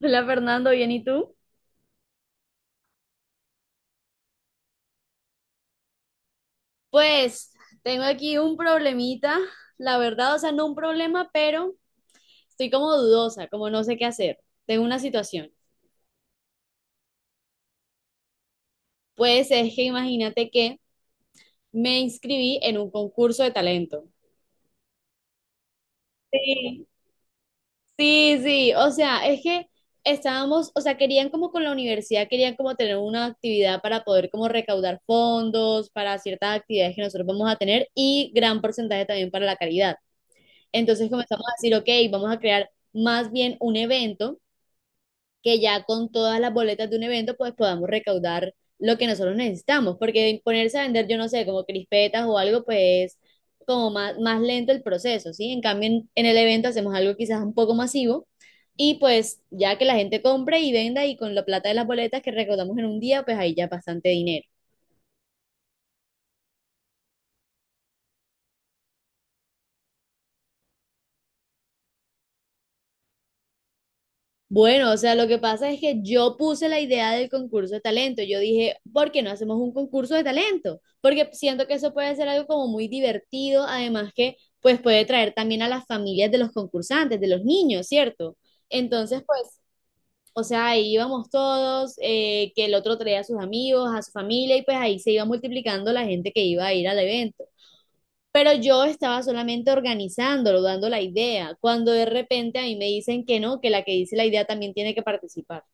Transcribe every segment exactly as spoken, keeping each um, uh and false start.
Hola Fernando, ¿bien y tú? Pues tengo aquí un problemita, la verdad, o sea, no un problema, pero estoy como dudosa, como no sé qué hacer. Tengo una situación. Pues es que imagínate que me inscribí en un concurso de talento. Sí, sí, sí, o sea, es que estábamos, o sea, querían como con la universidad, querían como tener una actividad para poder como recaudar fondos para ciertas actividades que nosotros vamos a tener y gran porcentaje también para la caridad. Entonces comenzamos a decir, ok, vamos a crear más bien un evento que ya con todas las boletas de un evento pues podamos recaudar lo que nosotros necesitamos, porque ponerse a vender, yo no sé, como crispetas o algo, pues como más, más lento el proceso, ¿sí? En cambio, en, en el evento hacemos algo quizás un poco masivo y pues ya que la gente compre y venda y con la plata de las boletas que recaudamos en un día, pues ahí ya bastante dinero. Bueno, o sea, lo que pasa es que yo puse la idea del concurso de talento. Yo dije, ¿por qué no hacemos un concurso de talento? Porque siento que eso puede ser algo como muy divertido, además que pues puede traer también a las familias de los concursantes, de los niños, ¿cierto? Entonces, pues, o sea, ahí íbamos todos, eh, que el otro traía a sus amigos, a su familia, y pues ahí se iba multiplicando la gente que iba a ir al evento. Pero yo estaba solamente organizándolo, dando la idea, cuando de repente a mí me dicen que no, que la que dice la idea también tiene que participar.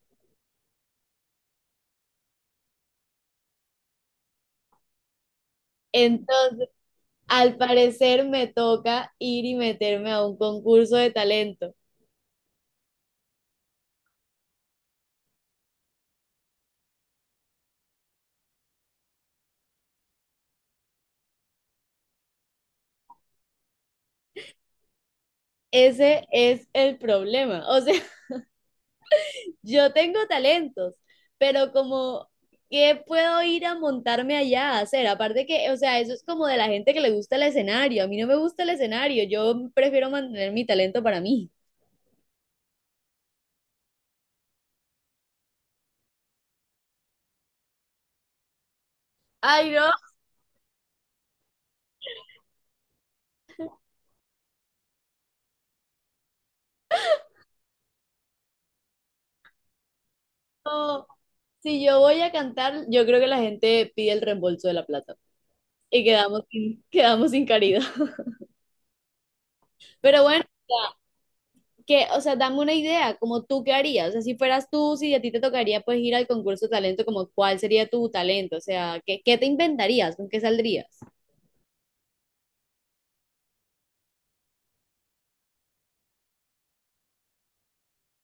Entonces, al parecer me toca ir y meterme a un concurso de talento. Ese es el problema. O sea, yo tengo talentos, pero como, ¿qué puedo ir a montarme allá a hacer? Aparte que, o sea, eso es como de la gente que le gusta el escenario. A mí no me gusta el escenario, yo prefiero mantener mi talento para mí. Ay, no. Si yo voy a cantar, yo creo que la gente pide el reembolso de la plata y quedamos sin, quedamos sin caridad. Pero bueno, que, o sea, dame una idea, como tú qué harías, o sea, si fueras tú, si a ti te tocaría pues ir al concurso de talento, como cuál sería tu talento, o sea, ¿qué, qué te inventarías, con qué saldrías?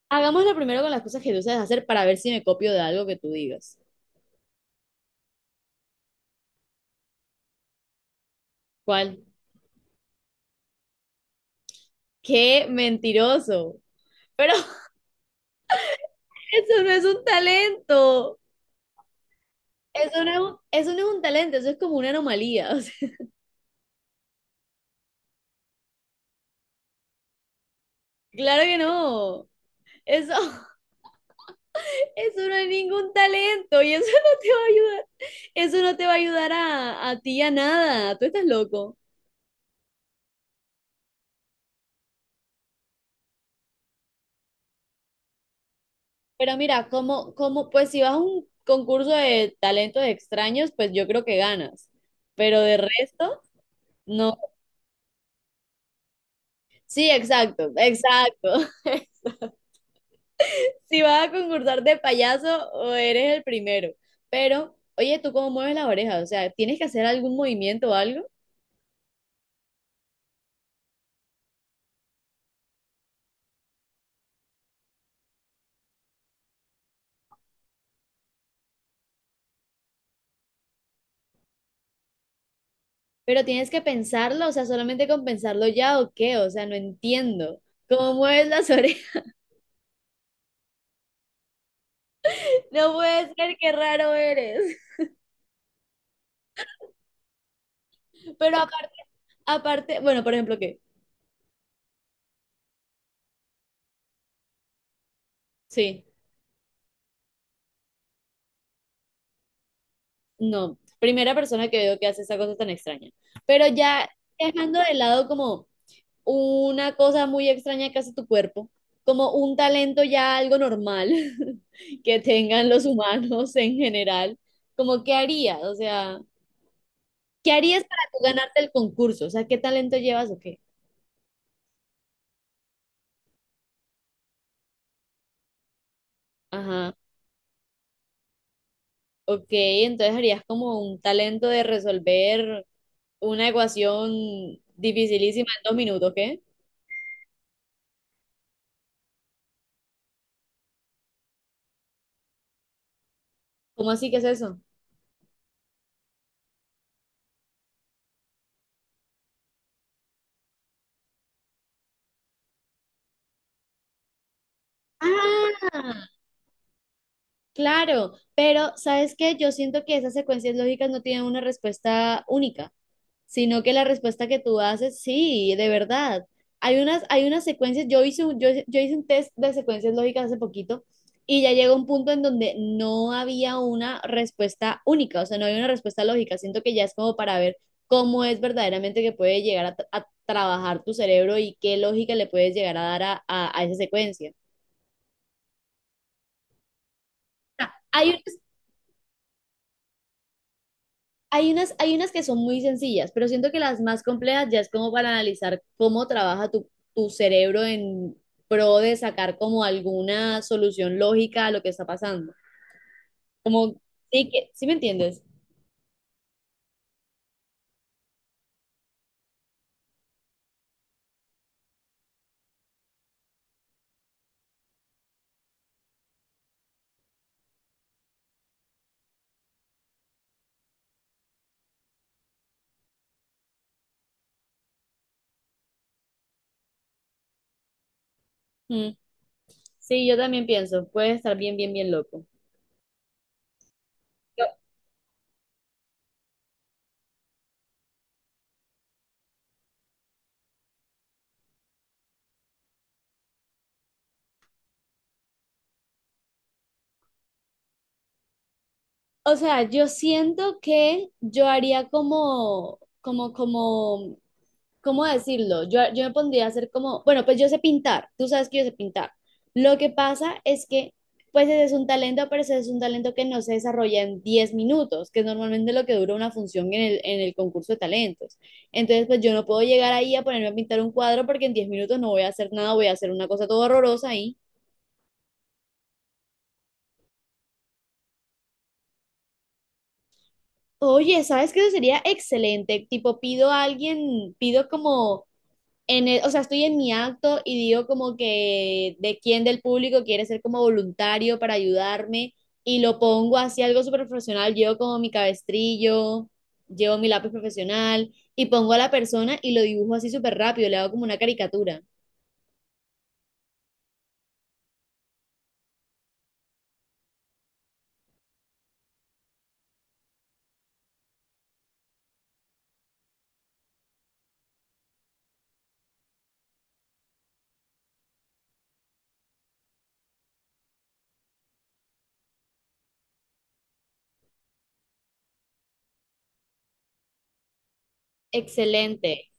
Hagámoslo primero con las cosas que tú sabes hacer para ver si me copio de algo que tú digas. ¿Cuál? ¡Qué mentiroso! Pero eso no es un talento. Eso no es un, eso no es un talento, eso es como una anomalía. O sea, claro que no. Eso, eso no es ningún talento y eso no te va a ayudar. Eso no te va a ayudar a, a ti a nada. Tú estás loco. Pero mira, como, como, pues si vas a un concurso de talentos extraños, pues yo creo que ganas. Pero de resto, no. Sí, exacto, exacto. Si vas a concursar de payaso, o eres el primero. Pero, oye, ¿tú cómo mueves las orejas? O sea, ¿tienes que hacer algún movimiento o algo? Pero tienes que pensarlo, o sea, solamente con pensarlo ya o qué, o sea, no entiendo. ¿Cómo mueves las orejas? No puede ser, qué raro eres. Pero aparte, aparte, bueno, por ejemplo, ¿qué? Sí, no, primera persona que veo que hace esa cosa tan extraña. Pero ya dejando de lado como una cosa muy extraña que hace tu cuerpo, como un talento ya algo normal que tengan los humanos en general, como qué harías, o sea... ¿Qué harías para tú ganarte el concurso? O sea, ¿qué talento llevas o qué? Ajá. Ok, entonces harías como un talento de resolver una ecuación dificilísima en dos minutos, ¿qué? ¿Cómo así que es eso? Ah, claro, pero ¿sabes qué? Yo siento que esas secuencias lógicas no tienen una respuesta única, sino que la respuesta que tú haces, sí, de verdad. Hay unas, hay unas secuencias, yo hice, un- yo, yo hice un test de secuencias lógicas hace poquito y ya llegó un punto en donde no había una respuesta única, o sea, no había una respuesta lógica. Siento que ya es como para ver cómo es verdaderamente que puede llegar a, tra- a trabajar tu cerebro y qué lógica le puedes llegar a dar a, a, a esa secuencia. Hay unas Hay unas, hay unas que son muy sencillas, pero siento que las más complejas ya es como para analizar cómo trabaja tu, tu cerebro en pro de sacar como alguna solución lógica a lo que está pasando. Como, sí, que, ¿sí me entiendes? Mm, sí, yo también pienso, puede estar bien, bien, bien loco. Yo- O sea, yo siento que yo haría como, como, como ¿cómo decirlo? Yo, yo me pondría a hacer como, bueno, pues yo sé pintar, tú sabes que yo sé pintar. Lo que pasa es que, pues ese es un talento, pero ese es un talento que no se desarrolla en diez minutos, que es normalmente lo que dura una función en el, en el concurso de talentos. Entonces, pues yo no puedo llegar ahí a ponerme a pintar un cuadro porque en diez minutos no voy a hacer nada, voy a hacer una cosa todo horrorosa ahí. Oye, ¿sabes qué? Eso sería excelente. Tipo, pido a alguien, pido como en el- o sea, estoy en mi acto y digo como que de quién del público quiere ser como voluntario para ayudarme y lo pongo así algo súper profesional, llevo como mi cabestrillo, llevo mi lápiz profesional y pongo a la persona y lo dibujo así súper rápido, le hago como una caricatura. Excelente.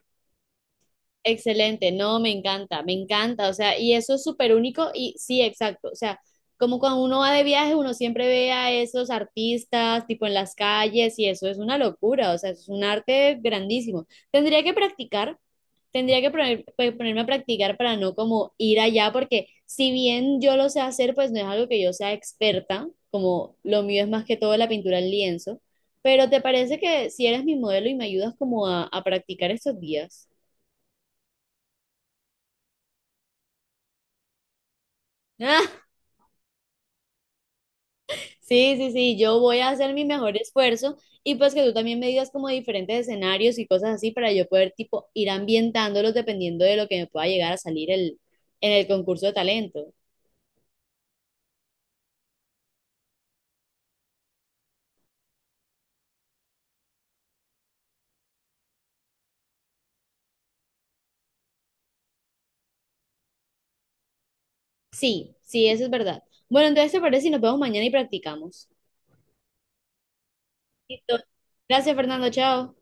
Excelente, no, me encanta, me encanta, o sea, y eso es súper único y sí, exacto, o sea, como cuando uno va de viaje, uno siempre ve a esos artistas, tipo en las calles, y eso es una locura, o sea, es un arte grandísimo. Tendría que practicar, tendría que poner- pues, ponerme a practicar para no como ir allá, porque si bien yo lo sé hacer, pues no es algo que yo sea experta, como lo mío es más que todo la pintura al lienzo, pero ¿te parece que si eres mi modelo y me ayudas como a, a practicar estos días? Sí, sí, sí, yo voy a hacer mi mejor esfuerzo y pues que tú también me digas como diferentes escenarios y cosas así para yo poder tipo ir ambientándolos dependiendo de lo que me pueda llegar a salir el, en el concurso de talento. Sí, sí, eso es verdad. Bueno, entonces te parece si nos vemos mañana y practicamos. Listo. Gracias, Fernando, chao.